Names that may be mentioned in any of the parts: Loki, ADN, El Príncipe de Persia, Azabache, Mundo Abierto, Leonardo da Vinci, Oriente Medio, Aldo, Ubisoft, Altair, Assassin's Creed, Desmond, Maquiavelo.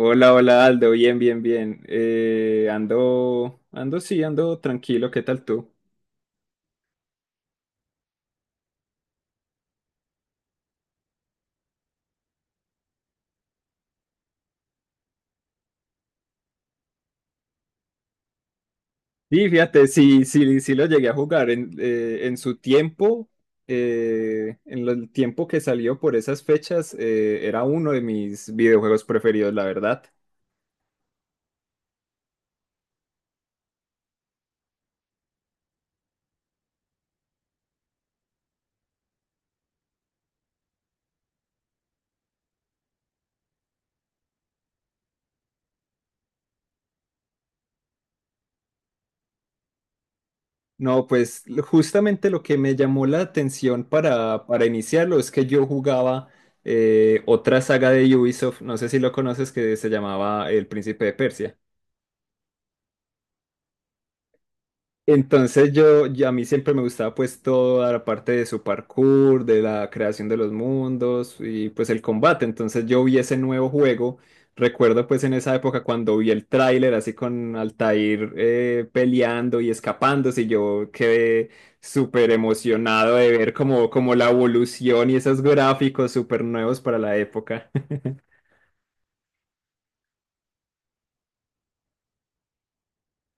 Hola, hola Aldo, bien, bien, bien. Sí, ando tranquilo, ¿qué tal tú? Sí, fíjate, sí, sí, sí lo llegué a jugar en su tiempo, en el tiempo que salió por esas fechas, era uno de mis videojuegos preferidos, la verdad. No, pues justamente lo que me llamó la atención para iniciarlo es que yo jugaba otra saga de Ubisoft, no sé si lo conoces, que se llamaba El Príncipe de Persia. Entonces a mí siempre me gustaba pues toda la parte de su parkour, de la creación de los mundos y pues el combate. Entonces yo vi ese nuevo juego. Recuerdo pues en esa época cuando vi el tráiler así con Altair peleando y escapándose y yo quedé súper emocionado de ver como, como la evolución y esos gráficos súper nuevos para la época.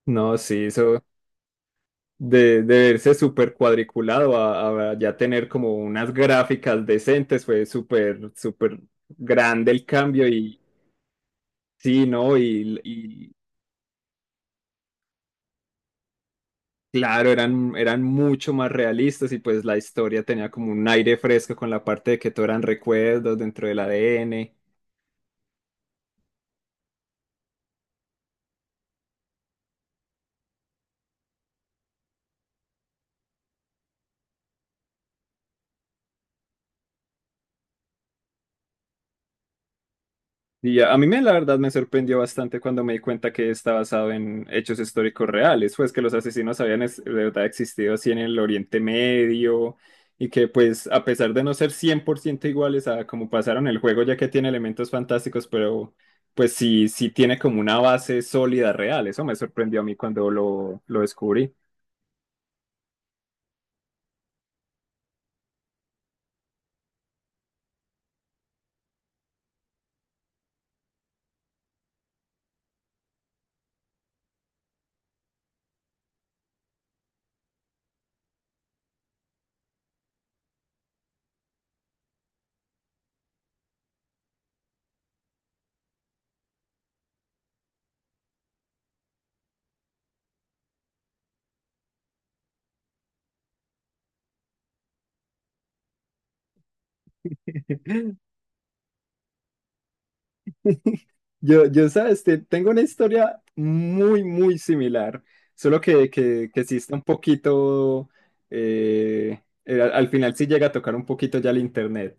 No, sí, eso. De verse súper cuadriculado a ya tener como unas gráficas decentes, fue súper, súper grande el cambio y sí, ¿no? Y claro, eran, eran mucho más realistas y pues la historia tenía como un aire fresco con la parte de que todo eran recuerdos dentro del ADN. Y ya, a mí me, la verdad me sorprendió bastante cuando me di cuenta que está basado en hechos históricos reales, pues que los asesinos habían de verdad existido así en el Oriente Medio y que pues a pesar de no ser 100% iguales a como pasaron el juego, ya que tiene elementos fantásticos, pero pues sí, sí tiene como una base sólida real, eso me sorprendió a mí cuando lo descubrí. Yo, sabes, tengo una historia muy, muy similar, solo que sí está un poquito, al final sí llega a tocar un poquito ya el internet.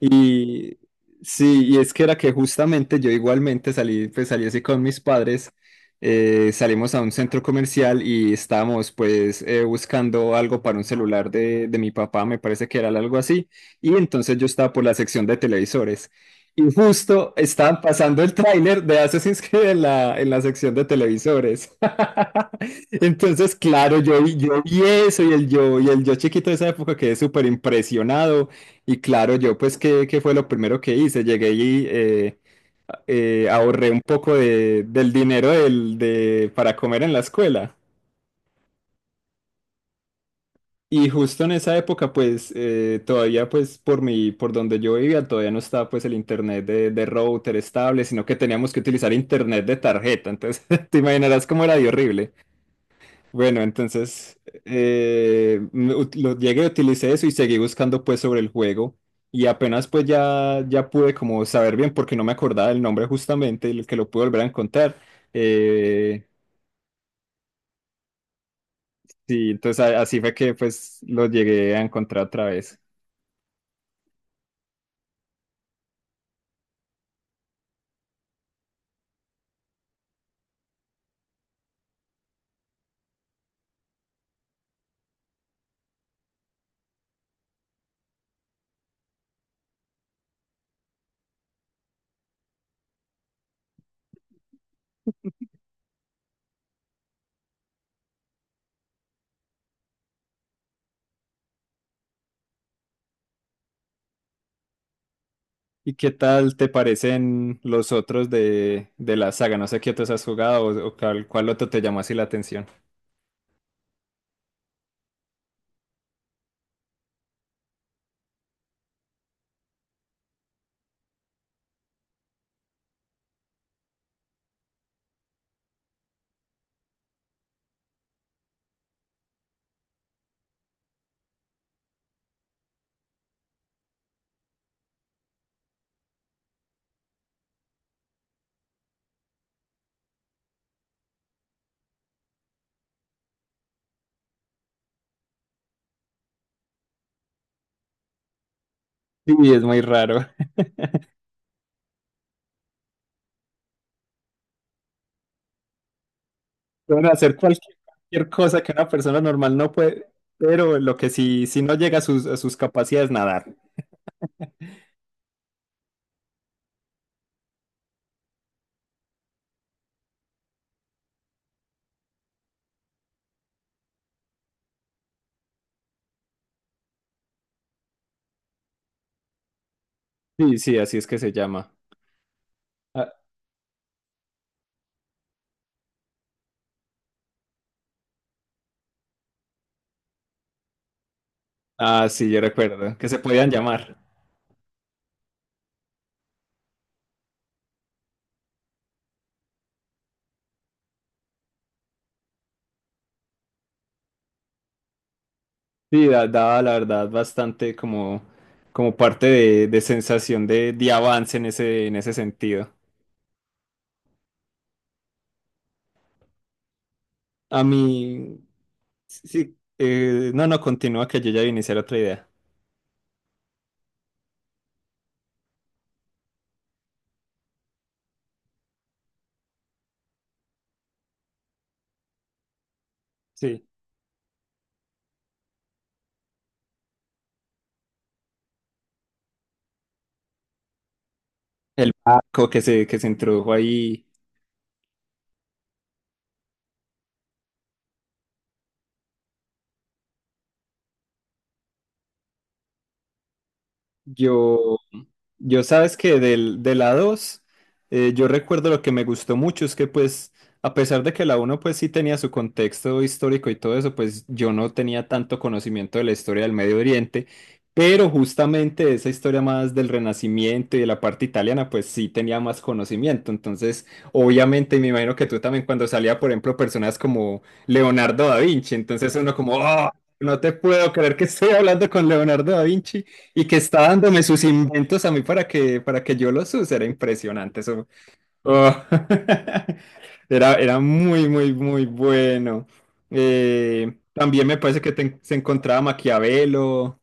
Y sí, y es que era que justamente yo igualmente salí, pues salí así con mis padres, salimos a un centro comercial y estábamos pues buscando algo para un celular de mi papá, me parece que era algo así, y entonces yo estaba por la sección de televisores. Y justo estaban pasando el tráiler de Assassin's Creed en la sección de televisores. Entonces, claro, yo vi eso y el yo chiquito de esa época quedé súper impresionado. Y claro, yo pues, ¿qué, qué fue lo primero que hice? Llegué y ahorré un poco de, del dinero del, de, para comer en la escuela. Y justo en esa época, pues, todavía, pues, por mi, por donde yo vivía, todavía no estaba, pues, el internet de router estable, sino que teníamos que utilizar internet de tarjeta. Entonces, te imaginarás cómo era de horrible. Bueno, entonces llegué, utilicé eso y seguí buscando pues sobre el juego y apenas pues ya, ya pude como saber bien porque no me acordaba el nombre justamente y lo que lo pude volver a encontrar. Eh, sí, entonces así fue que pues lo llegué a encontrar otra vez. ¿Y qué tal te parecen los otros de la saga? No sé qué otros has jugado o cuál, cuál otro te llamó así la atención. Sí, es muy raro. Pueden hacer cualquier, cualquier cosa que una persona normal no puede, pero lo que sí, sí no llega a sus capacidades nadar. Sí, sí, así es que se llama. Ah, ah, sí, yo recuerdo que se podían llamar. Sí, daba la verdad bastante como, como parte de sensación de avance en ese sentido. A mí, sí, no, no, continúa que yo ya voy a iniciar otra idea. Sí. El barco que se introdujo ahí, yo. Yo sabes que del, de la 2 yo recuerdo lo que me gustó mucho es que pues, a pesar de que la uno pues sí tenía su contexto histórico y todo eso, pues yo no tenía tanto conocimiento de la historia del Medio Oriente, pero justamente esa historia más del Renacimiento y de la parte italiana pues sí tenía más conocimiento. Entonces, obviamente me imagino que tú también cuando salía, por ejemplo, personas como Leonardo da Vinci, entonces uno como, "Ah, no te puedo creer que estoy hablando con Leonardo da Vinci. Y que está dándome sus inventos a mí para que yo los use. Era impresionante eso". Oh. Era, era muy, muy, muy bueno. También me parece que se encontraba Maquiavelo.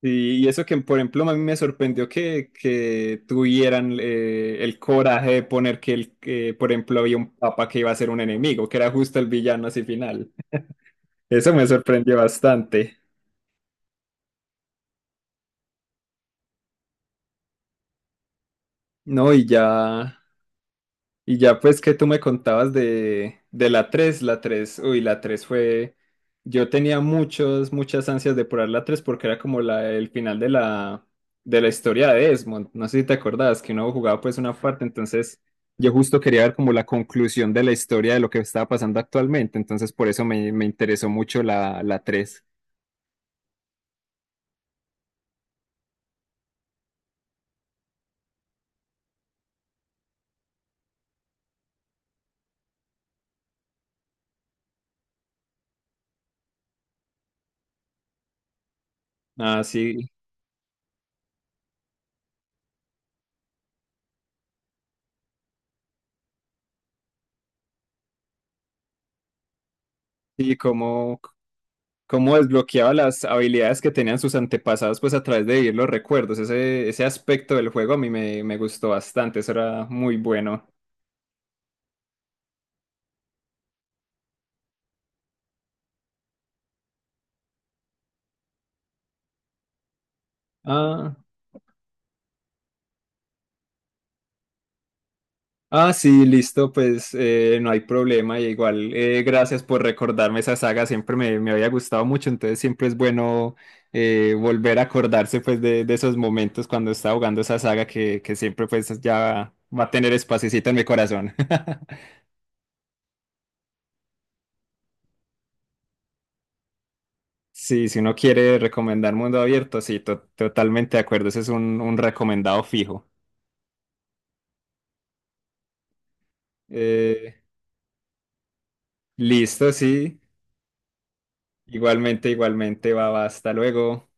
Y eso que, por ejemplo, a mí me sorprendió que tuvieran el coraje de poner que, el, que, por ejemplo, había un papa que iba a ser un enemigo, que era justo el villano así final. Eso me sorprendió bastante. No, y ya. Y ya pues que tú me contabas de la tres, la 3 uy, la 3 fue, yo tenía muchos, muchas ansias de probar la 3 porque era como la, el final de la historia de Desmond, no sé si te acordabas que uno jugaba pues una parte, entonces yo justo quería ver como la conclusión de la historia de lo que estaba pasando actualmente, entonces por eso me, me interesó mucho la, la tres. Ah, sí, sí, como, cómo desbloqueaba las habilidades que tenían sus antepasados, pues a través de vivir los recuerdos. Ese aspecto del juego a mí me, me gustó bastante, eso era muy bueno. Ah, ah sí, listo, pues no hay problema. Y igual, gracias por recordarme esa saga, siempre me, me había gustado mucho, entonces siempre es bueno volver a acordarse pues de esos momentos cuando estaba jugando esa saga que siempre pues ya va a tener espacito en mi corazón. Sí, si uno quiere recomendar Mundo Abierto, sí, totalmente de acuerdo. Ese es un recomendado fijo. Eh, listo, sí. Igualmente, igualmente, va, va, hasta luego.